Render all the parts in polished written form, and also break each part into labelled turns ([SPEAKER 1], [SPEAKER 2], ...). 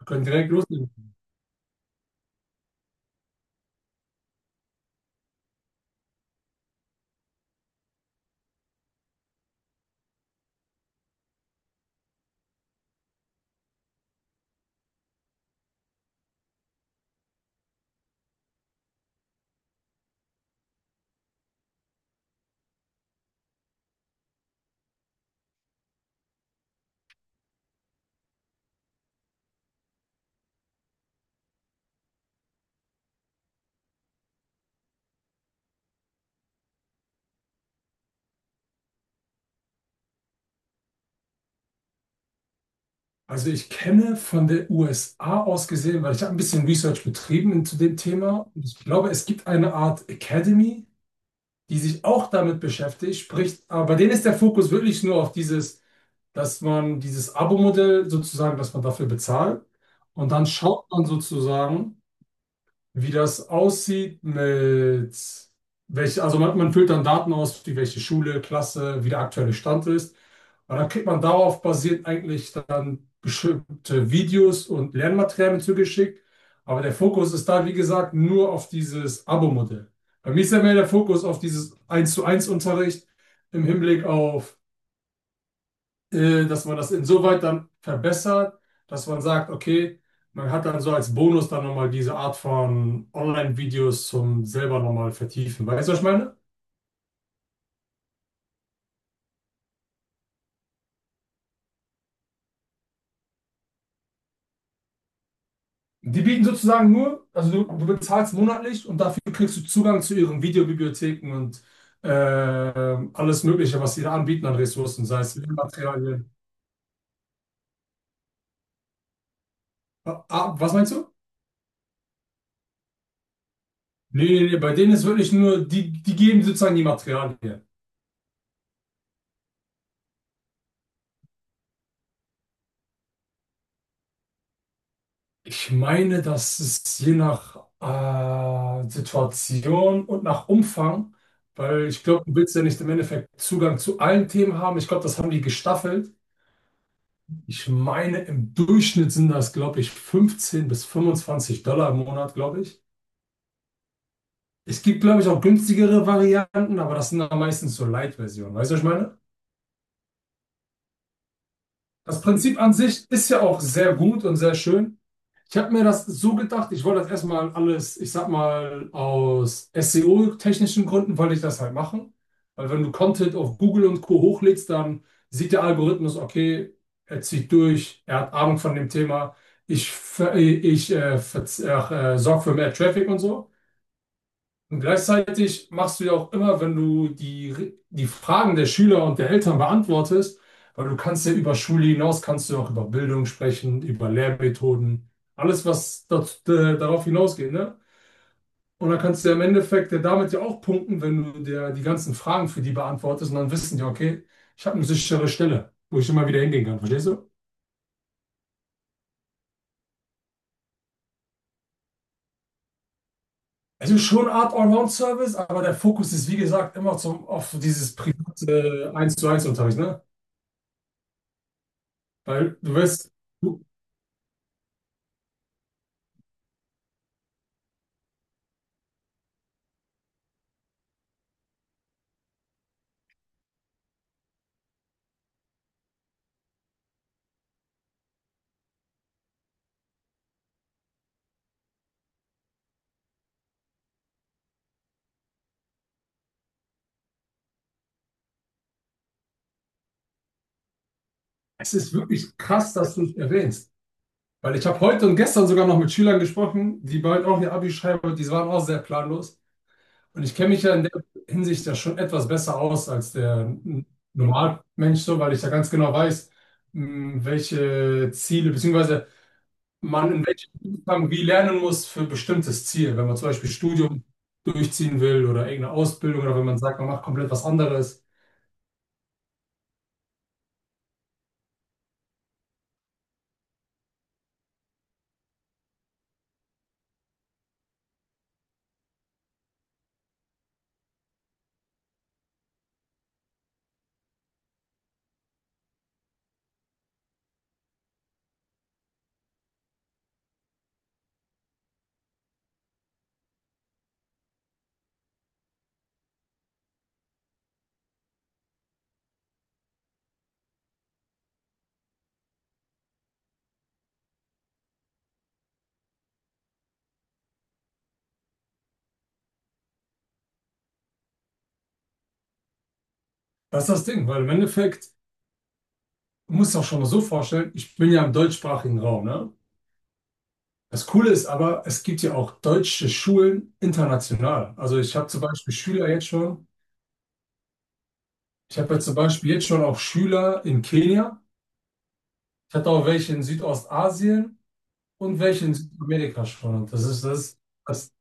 [SPEAKER 1] Wir können direkt loslegen. Also ich kenne von der USA aus gesehen, weil ich habe ein bisschen Research betrieben zu dem Thema. Und ich glaube, es gibt eine Art Academy, die sich auch damit beschäftigt, sprich, aber bei denen ist der Fokus wirklich nur auf dieses, dass man dieses Abo-Modell sozusagen, dass man dafür bezahlt und dann schaut man sozusagen, wie das aussieht mit welche, also man füllt dann Daten aus, wie welche Schule, Klasse, wie der aktuelle Stand ist. Und dann kriegt man darauf basierend eigentlich dann bestimmte Videos und Lernmaterialien zugeschickt. Aber der Fokus ist da, wie gesagt, nur auf dieses Abo-Modell. Bei mir ist ja mehr der Fokus auf dieses eins zu eins Unterricht im Hinblick auf dass man das insoweit dann verbessert, dass man sagt, okay, man hat dann so als Bonus dann nochmal diese Art von Online-Videos zum selber nochmal vertiefen. Weißt du, was ich meine? Die bieten sozusagen nur, also du bezahlst monatlich und dafür kriegst du Zugang zu ihren Videobibliotheken und alles Mögliche, was sie da anbieten an Ressourcen, sei es Materialien. Ah, ah, was meinst du? Nee, nee, nee, bei denen ist wirklich nur, die, die geben sozusagen die Materialien. Ich meine, dass es je nach Situation und nach Umfang, weil ich glaube, du willst ja nicht im Endeffekt Zugang zu allen Themen haben. Ich glaube, das haben die gestaffelt. Ich meine, im Durchschnitt sind das, glaube ich, 15 bis 25 Dollar im Monat, glaube ich. Es gibt, glaube ich, auch günstigere Varianten, aber das sind dann meistens so Light-Versionen. Weißt du, was ich meine? Das Prinzip an sich ist ja auch sehr gut und sehr schön. Ich habe mir das so gedacht, ich wollte das erstmal alles, ich sag mal, aus SEO-technischen Gründen wollte ich das halt machen. Weil wenn du Content auf Google und Co. hochlädst, dann sieht der Algorithmus, okay, er zieht durch, er hat Ahnung von dem Thema, ich, ver- ich sorge für mehr Traffic und so. Und gleichzeitig machst du ja auch immer, wenn du die Fragen der Schüler und der Eltern beantwortest, weil du kannst ja über Schule hinaus, kannst du auch über Bildung sprechen, über Lehrmethoden, alles, was dort darauf hinausgeht, ne? Und dann kannst du ja im Endeffekt ja damit ja auch punkten, wenn du dir die ganzen Fragen für die beantwortest und dann wissen die, okay, ich habe eine sichere Stelle, wo ich immer wieder hingehen kann, verstehst du? Also schon eine Art Allround-Service, aber der Fokus ist, wie gesagt, immer zum, auf dieses private eins zu eins Unterricht, ne? Weil du wirst, Es ist wirklich krass, dass du es erwähnst. Weil ich habe heute und gestern sogar noch mit Schülern gesprochen, die bald auch ihr Abi schreiben und die waren auch sehr planlos. Und ich kenne mich ja in der Hinsicht ja schon etwas besser aus als der Normalmensch, so, weil ich ja ganz genau weiß, welche Ziele, beziehungsweise man in welchem Umfang wie lernen muss für ein bestimmtes Ziel. Wenn man zum Beispiel Studium durchziehen will oder irgendeine Ausbildung oder wenn man sagt, man macht komplett was anderes. Das ist das Ding, weil im Endeffekt, du musst sich auch schon mal so vorstellen, ich bin ja im deutschsprachigen Raum, ne? Das Coole ist aber, es gibt ja auch deutsche Schulen international. Also ich habe zum Beispiel Schüler jetzt schon, ich habe jetzt zum Beispiel jetzt schon auch Schüler in Kenia. Ich hatte auch welche in Südostasien und welche in Südamerika schon. Und das,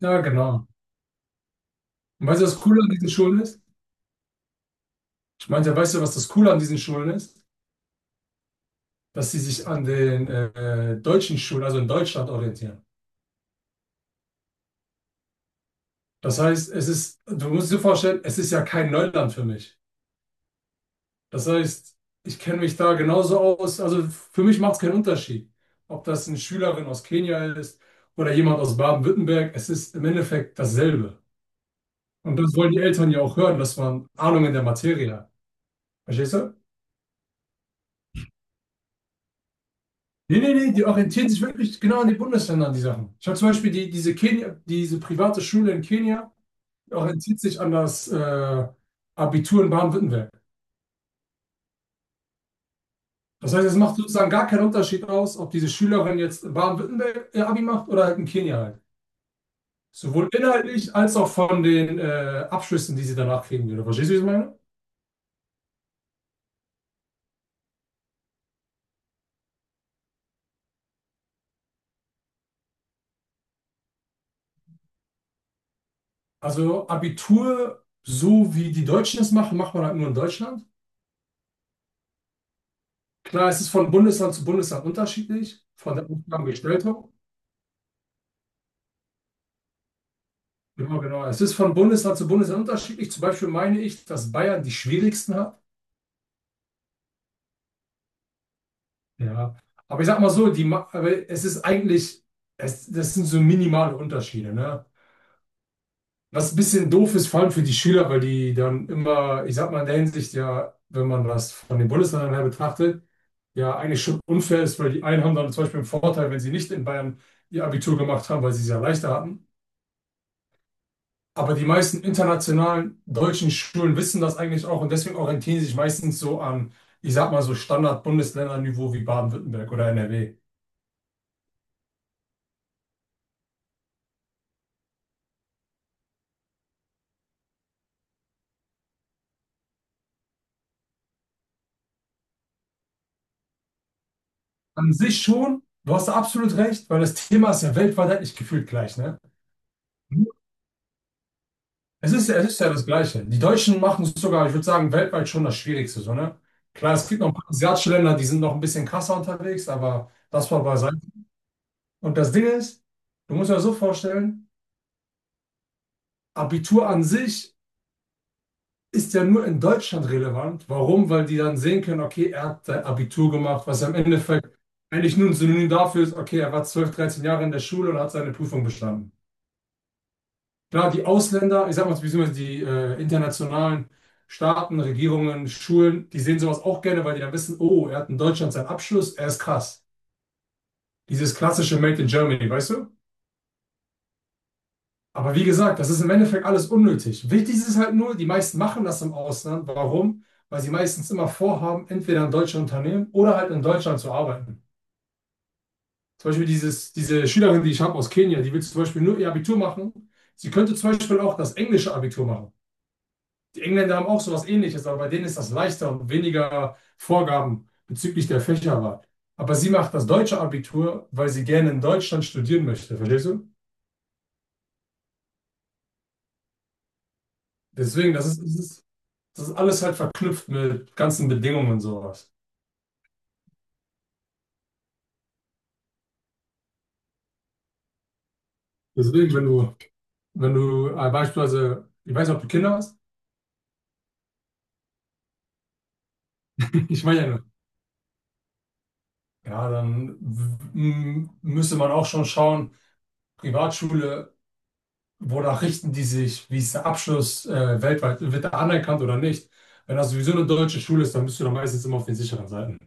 [SPEAKER 1] ja genau. Und weißt du, was cool an diesen Schulen ist? Ich meinte, weißt du, was das Coole an diesen Schulen ist? Dass sie sich an den deutschen Schulen, also in Deutschland, orientieren. Das heißt, du musst dir vorstellen, es ist ja kein Neuland für mich. Das heißt, ich kenne mich da genauso aus. Also für mich macht es keinen Unterschied, ob das eine Schülerin aus Kenia ist oder jemand aus Baden-Württemberg. Es ist im Endeffekt dasselbe. Und das wollen die Eltern ja auch hören, dass man Ahnung in der Materie hat. Verstehst du? Nee, nee, nee, die orientieren sich wirklich genau an die Bundesländer, an die Sachen. Ich habe zum Beispiel Kenia, diese private Schule in Kenia, die orientiert sich an das Abitur in Baden-Württemberg. Das heißt, es macht sozusagen gar keinen Unterschied aus, ob diese Schülerin jetzt in Baden-Württemberg ihr Abi macht oder halt in Kenia halt. Sowohl inhaltlich als auch von den Abschlüssen, die sie danach kriegen. Oder verstehst du, wie ich meine? Also Abitur, so wie die Deutschen es machen, macht man halt nur in Deutschland. Klar, es ist von Bundesland zu Bundesland unterschiedlich, von der Aufgabengestaltung. Genau, genau. Es ist von Bundesland zu Bundesland unterschiedlich. Zum Beispiel meine ich, dass Bayern die schwierigsten hat. Ja. Aber ich sag mal so, aber es ist eigentlich, es, das sind so minimale Unterschiede, ne? Was ein bisschen doof ist, vor allem für die Schüler, weil die dann immer, ich sag mal in der Hinsicht ja, wenn man das von den Bundesländern her betrachtet, ja eigentlich schon unfair ist, weil die einen haben dann zum Beispiel einen Vorteil, wenn sie nicht in Bayern ihr Abitur gemacht haben, weil sie es ja leichter hatten. Aber die meisten internationalen deutschen Schulen wissen das eigentlich auch und deswegen orientieren sie sich meistens so an, ich sag mal so Standard-Bundesländer-Niveau wie Baden-Württemberg oder NRW. An sich schon, du hast da absolut recht, weil das Thema ist ja weltweit eigentlich gefühlt gleich, ne? Es ist ja das Gleiche. Die Deutschen machen es sogar, ich würde sagen, weltweit schon das Schwierigste, so, ne? Klar, es gibt noch ein paar asiatische Länder, die sind noch ein bisschen krasser unterwegs, aber das war beiseite. Und das Ding ist, du musst dir das so vorstellen, Abitur an sich ist ja nur in Deutschland relevant. Warum? Weil die dann sehen können, okay, er hat sein Abitur gemacht, was im Endeffekt eigentlich nur ein Synonym dafür ist, okay, er war 12, 13 Jahre in der Schule und hat seine Prüfung bestanden. Klar, die Ausländer, ich sag mal, beziehungsweise die internationalen Staaten, Regierungen, Schulen, die sehen sowas auch gerne, weil die dann wissen, oh, er hat in Deutschland seinen Abschluss, er ist krass. Dieses klassische Made in Germany, weißt du? Aber wie gesagt, das ist im Endeffekt alles unnötig. Wichtig ist es halt nur, die meisten machen das im Ausland. Warum? Weil sie meistens immer vorhaben, entweder in deutsche Unternehmen oder halt in Deutschland zu arbeiten. Zum Beispiel diese Schülerin, die ich habe aus Kenia, die will zum Beispiel nur ihr Abitur machen. Sie könnte zum Beispiel auch das englische Abitur machen. Die Engländer haben auch sowas Ähnliches, aber bei denen ist das leichter und weniger Vorgaben bezüglich der Fächerwahl. Aber sie macht das deutsche Abitur, weil sie gerne in Deutschland studieren möchte, verstehst du? Deswegen, das ist alles halt verknüpft mit ganzen Bedingungen und sowas. Deswegen, wenn du beispielsweise, ich weiß nicht, ob du Kinder hast, ich meine ja nur, ja, dann müsste man auch schon schauen, Privatschule wonach richten die sich? Wie ist der Abschluss weltweit? Wird er anerkannt oder nicht? Wenn das sowieso eine deutsche Schule ist, dann bist du da meistens immer auf den sicheren Seiten.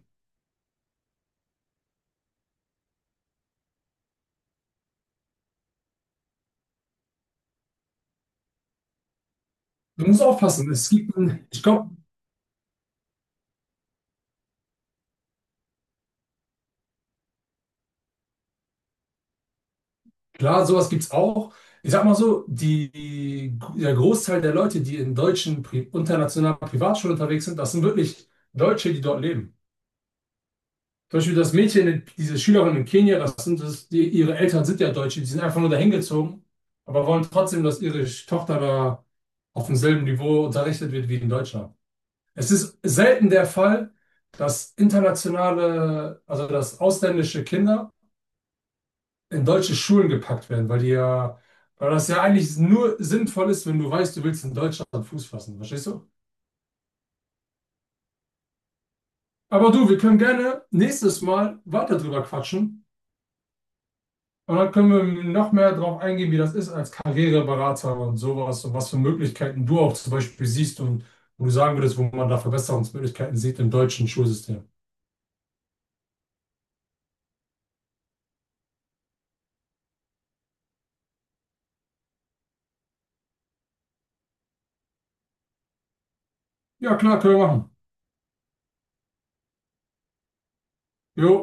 [SPEAKER 1] Du musst aufpassen. Ich glaube, klar, sowas gibt es auch. Ich sag mal so, der Großteil der Leute, die in deutschen, pri internationalen Privatschulen unterwegs sind, das sind wirklich Deutsche, die dort leben. Zum Beispiel das Mädchen, diese Schülerin in Kenia, das sind das, die, ihre Eltern sind ja Deutsche, die sind einfach nur dahin gezogen, aber wollen trotzdem, dass ihre Tochter da auf demselben Niveau unterrichtet wird wie in Deutschland. Es ist selten der Fall, dass internationale, also dass ausländische Kinder in deutsche Schulen gepackt werden, weil die ja, weil das ja eigentlich nur sinnvoll ist, wenn du weißt, du willst in Deutschland Fuß fassen, verstehst du? Aber du, wir können gerne nächstes Mal weiter drüber quatschen. Und dann können wir noch mehr darauf eingehen, wie das ist als Karriereberater und sowas und was für Möglichkeiten du auch zum Beispiel siehst und wo du sagen würdest, wo man da Verbesserungsmöglichkeiten sieht im deutschen Schulsystem. Ja, klar, können wir machen. Jo.